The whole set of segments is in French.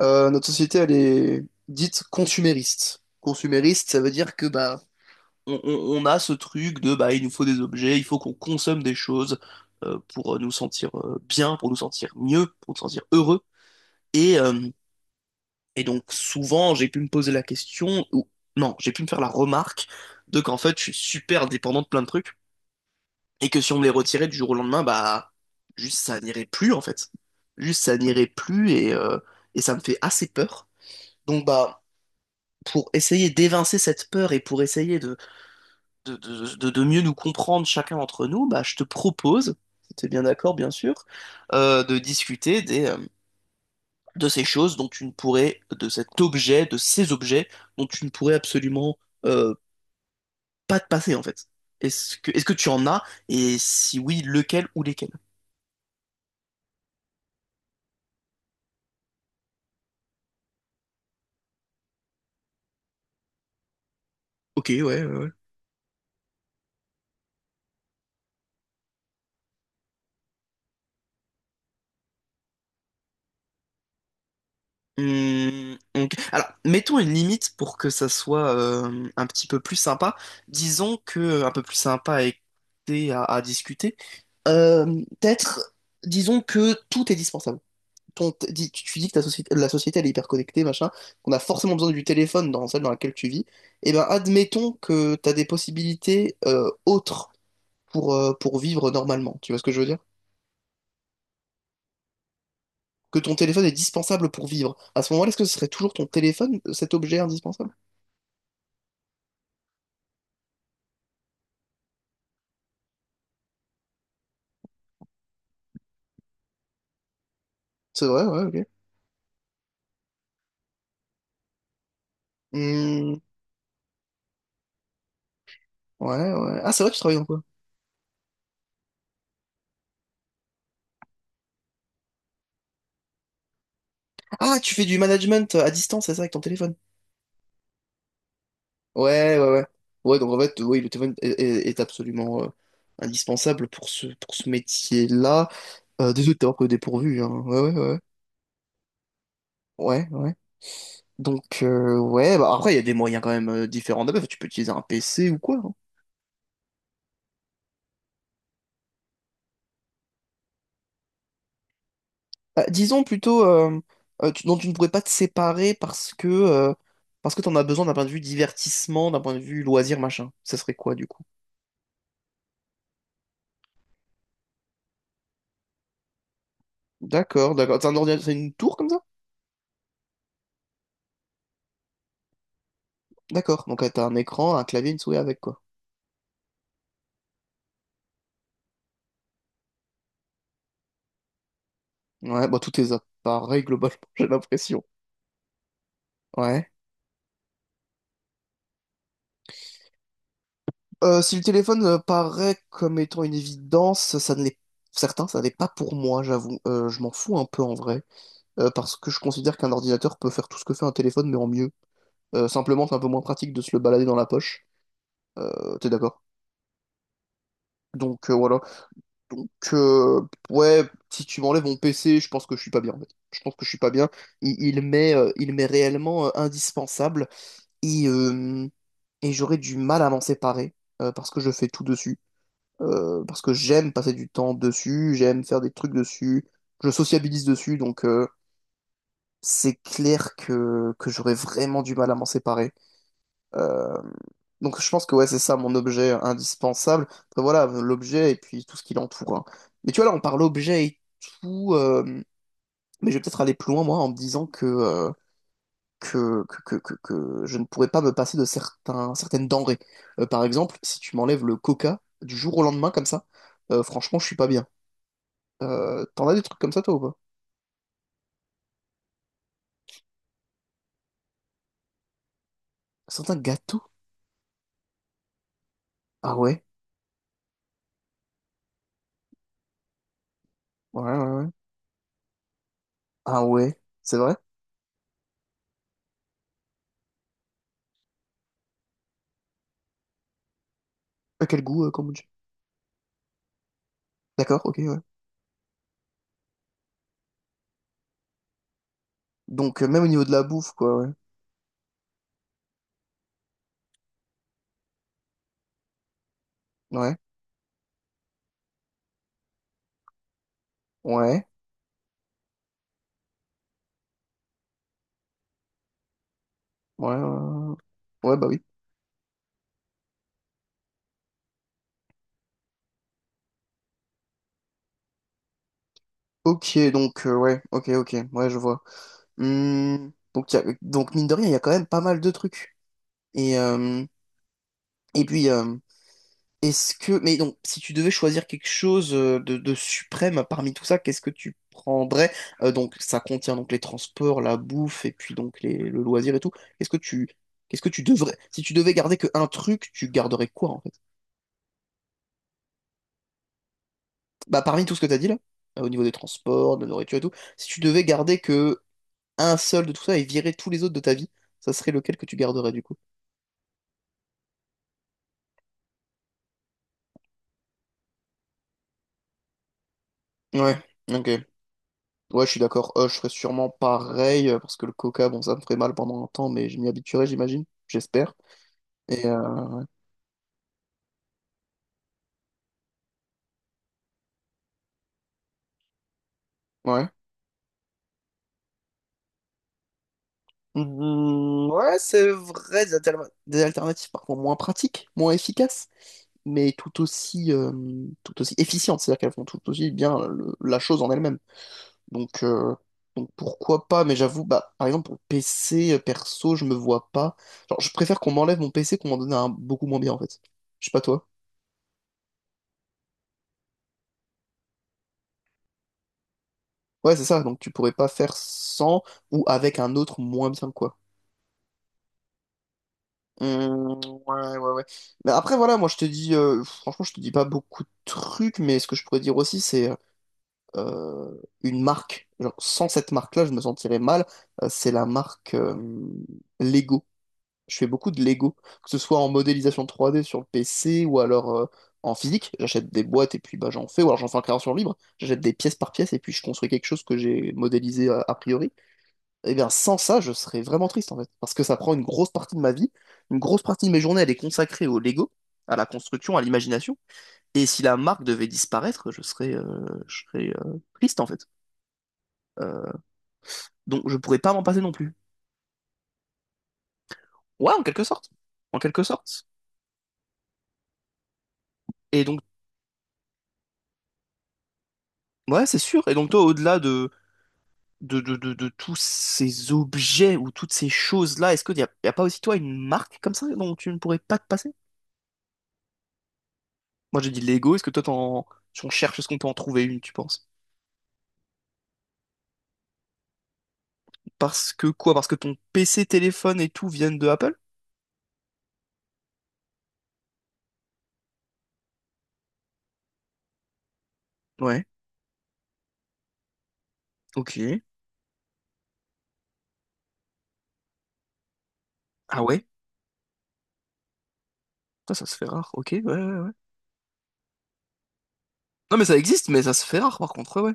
Notre société, elle est dite consumériste. Consumériste, ça veut dire que bah, on a ce truc de bah, il nous faut des objets, il faut qu'on consomme des choses pour nous sentir bien, pour nous sentir mieux, pour nous sentir heureux. Et, euh, et donc souvent, j'ai pu me poser la question, ou non, j'ai pu me faire la remarque de qu'en fait, je suis super dépendant de plein de trucs et que si on me les retirait du jour au lendemain, bah, juste ça n'irait plus en fait. Juste ça n'irait plus et ça me fait assez peur. Donc bah pour essayer d'évincer cette peur et pour essayer de mieux nous comprendre chacun d'entre nous, bah, je te propose, si tu es bien d'accord, bien sûr, de discuter des, de ces choses dont tu ne pourrais, de cet objet, de ces objets dont tu ne pourrais absolument euh, pas te passer, en fait. Est-ce que tu en as? Et si oui, lequel ou lesquels? Ok, ouais, ouais. Ouais. Hmm, ok. Alors, mettons une limite pour que ça soit un petit peu plus sympa. Disons que un peu plus sympa à écouter, à discuter. Euh, Peut-être, disons que tout est dispensable. Tu dis que ta société, la société elle est hyper connectée, machin, qu'on a forcément besoin du téléphone dans celle dans laquelle tu vis. Eh ben, admettons que tu as des possibilités autres pour vivre normalement. Tu vois ce que je veux dire? Que ton téléphone est dispensable pour vivre. À ce moment-là, est-ce que ce serait toujours ton téléphone, cet objet indispensable? C'est vrai, ouais, ok. Hmm, ouais, ouais. Ah, c'est vrai, tu travailles dans quoi? Ah, tu fais du management à distance, c'est ça, avec ton téléphone. Ouais, ouais, ouais. Ouais, donc en fait, oui, le téléphone est absolument indispensable pour ce métier-là. Désolé de t'avoir pris au dépourvu, hein. Ouais, ouais, ouais. Ouais, ouais. Donc, ouais, bah après, il y a des moyens quand même différents d'appel. Tu peux utiliser un PC ou quoi, hein. Disons plutôt, dont tu ne pourrais pas te séparer parce que t'en as besoin d'un point de vue divertissement, d'un point de vue loisir, machin. Ça serait quoi, du coup? D'accord, d'accord. C'est un ordinateur, c'est une tour comme ça? D'accord. Donc t'as un écran, un clavier, une souris avec quoi. Ouais, bah tous tes appareils globalement, j'ai l'impression. Ouais. Si le téléphone paraît comme étant une évidence, ça ne l'est certains, ça n'est pas pour moi, j'avoue. Je m'en fous un peu en vrai. Parce que je considère qu'un ordinateur peut faire tout ce que fait un téléphone, mais en mieux. Simplement, c'est un peu moins pratique de se le balader dans la poche. T'es d'accord? Donc voilà. Donc, ouais, si tu m'enlèves mon PC, je pense que je suis pas bien, en fait. Je pense que je suis pas bien. Il m'est réellement indispensable et, euh, et j'aurais du mal à m'en séparer parce que je fais tout dessus. Parce que j'aime passer du temps dessus, j'aime faire des trucs dessus, je sociabilise dessus, donc c'est clair que j'aurais vraiment du mal à m'en séparer. Euh, donc je pense que ouais, c'est ça mon objet indispensable. Après, voilà, l'objet et puis tout ce qui l'entoure, hein. Mais tu vois, là, on parle objet et tout, mais je vais peut-être aller plus loin, moi, en me disant que je ne pourrais pas me passer de certaines denrées. Par exemple, si tu m'enlèves le coca du jour au lendemain, comme ça, franchement, je suis pas bien. T'en as des trucs comme ça, toi, ou pas? Certains gâteaux? Ah ouais? Ouais, ouais, ouais. Ah ouais? C'est vrai? À quel goût, kombucha? D'accord, ok, ouais. Donc, même au niveau de la bouffe, quoi, ouais. Ouais, ouais, ouais, ouais. Ouais, bah oui. Ok, donc, ouais, ok, ok, ouais, je vois. Hmm, donc, donc, mine de rien, il y a quand même pas mal de trucs. Et, euh, et puis, est-ce que. Mais donc, si tu devais choisir quelque chose de, suprême parmi tout ça, qu'est-ce que tu prendrais? Donc, ça contient donc les transports, la bouffe, et puis donc le loisir et tout. Qu'est-ce que tu. Qu'est-ce que tu devrais. Si tu devais garder que un truc, tu garderais quoi, en fait. Bah, parmi tout ce que t'as dit là, au niveau des transports, de la nourriture et tout, si tu devais garder que un seul de tout ça et virer tous les autres de ta vie, ça serait lequel que tu garderais du coup? Ouais, ok. Ouais, je suis d'accord. Je ferais sûrement pareil, parce que le coca, bon, ça me ferait mal pendant un temps, mais je m'y habituerai, j'imagine. J'espère. Et ouais. Mhm, ouais, c'est vrai, des alternatives par contre moins pratiques, moins efficaces, mais tout aussi efficientes, c'est-à-dire qu'elles font tout aussi bien la chose en elle-même. Donc, euh, donc pourquoi pas, mais j'avoue, bah, par exemple, pour PC, perso, je me vois pas. Genre, je préfère qu'on m'enlève mon PC qu'on m'en donne un beaucoup moins bien, en fait. Je sais pas toi. Ouais, c'est ça, donc tu pourrais pas faire sans ou avec un autre moins bien, quoi. Hum, ouais, ouais, ouais. Mais après, voilà, moi, je te dis, franchement, je te dis pas beaucoup de trucs, mais ce que je pourrais dire aussi, c'est euh, une marque. Genre, sans cette marque-là, je me sentirais mal. C'est la marque Lego. Je fais beaucoup de Lego, que ce soit en modélisation 3D sur le PC ou alors en physique. J'achète des boîtes et puis bah, j'en fais, ou alors j'en fais en création libre. J'achète des pièces par pièce et puis je construis quelque chose que j'ai modélisé a priori. Et bien, sans ça, je serais vraiment triste en fait, parce que ça prend une grosse partie de ma vie. Une grosse partie de mes journées, elle est consacrée au Lego, à la construction, à l'imagination. Et si la marque devait disparaître, je serais triste en fait. Euh, donc je pourrais pas m'en passer non plus. Ouais, en quelque sorte. En quelque sorte. Et donc, ouais, c'est sûr. Et donc toi, au-delà de, tous ces objets ou toutes ces choses-là, est-ce qu'y a pas aussi, toi, une marque comme ça dont tu ne pourrais pas te passer? Moi, j'ai dit Lego, est-ce que toi, t'en... si on cherche, est-ce qu'on peut en trouver une, tu penses? Parce que quoi? Parce que ton PC, téléphone et tout viennent de Apple? Ouais, ok. Ah ouais? Ça se fait rare, ok, ouais, ouais, ouais. Non, mais ça existe, mais ça se fait rare, par contre, ouais, ouais.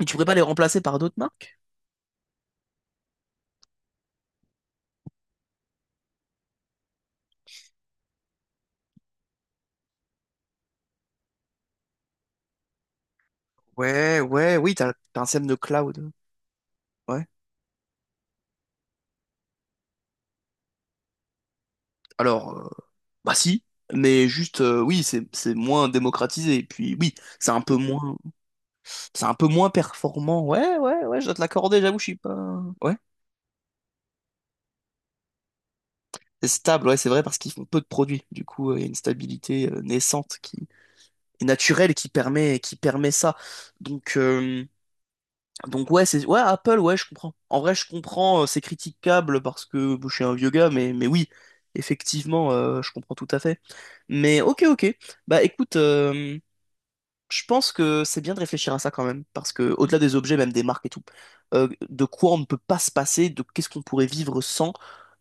Et tu pourrais pas les remplacer par d'autres marques? Ouais, ouais, oui, t'as un système de cloud. Ouais. Alors, bah si, mais juste oui, c'est moins démocratisé. Et puis oui, c'est un peu moins c'est un peu moins performant. Ouais, ouais, ouais, je dois te l'accorder, j'avoue, je suis pas. Ouais. C'est stable, ouais, c'est vrai, parce qu'ils font peu de produits. Du coup, il y a une stabilité naissante qui est naturelle qui permet ça. Donc euh, donc ouais, c'est ouais, Apple, ouais, je comprends. En vrai, je comprends, c'est critiquable parce que bon, je suis un vieux gars, mais oui, effectivement, je comprends tout à fait. Mais ok, ok. Bah écoute, je pense que c'est bien de réfléchir à ça quand même, parce que au-delà des objets, même des marques et tout, de quoi on ne peut pas se passer, de qu'est-ce qu'on pourrait vivre sans,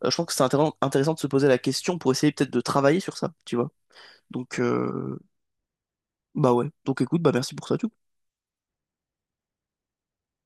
je pense que c'est intéressant de se poser la question pour essayer peut-être de travailler sur ça, tu vois. Donc, bah ouais. Donc écoute, bah merci pour ça, du coup.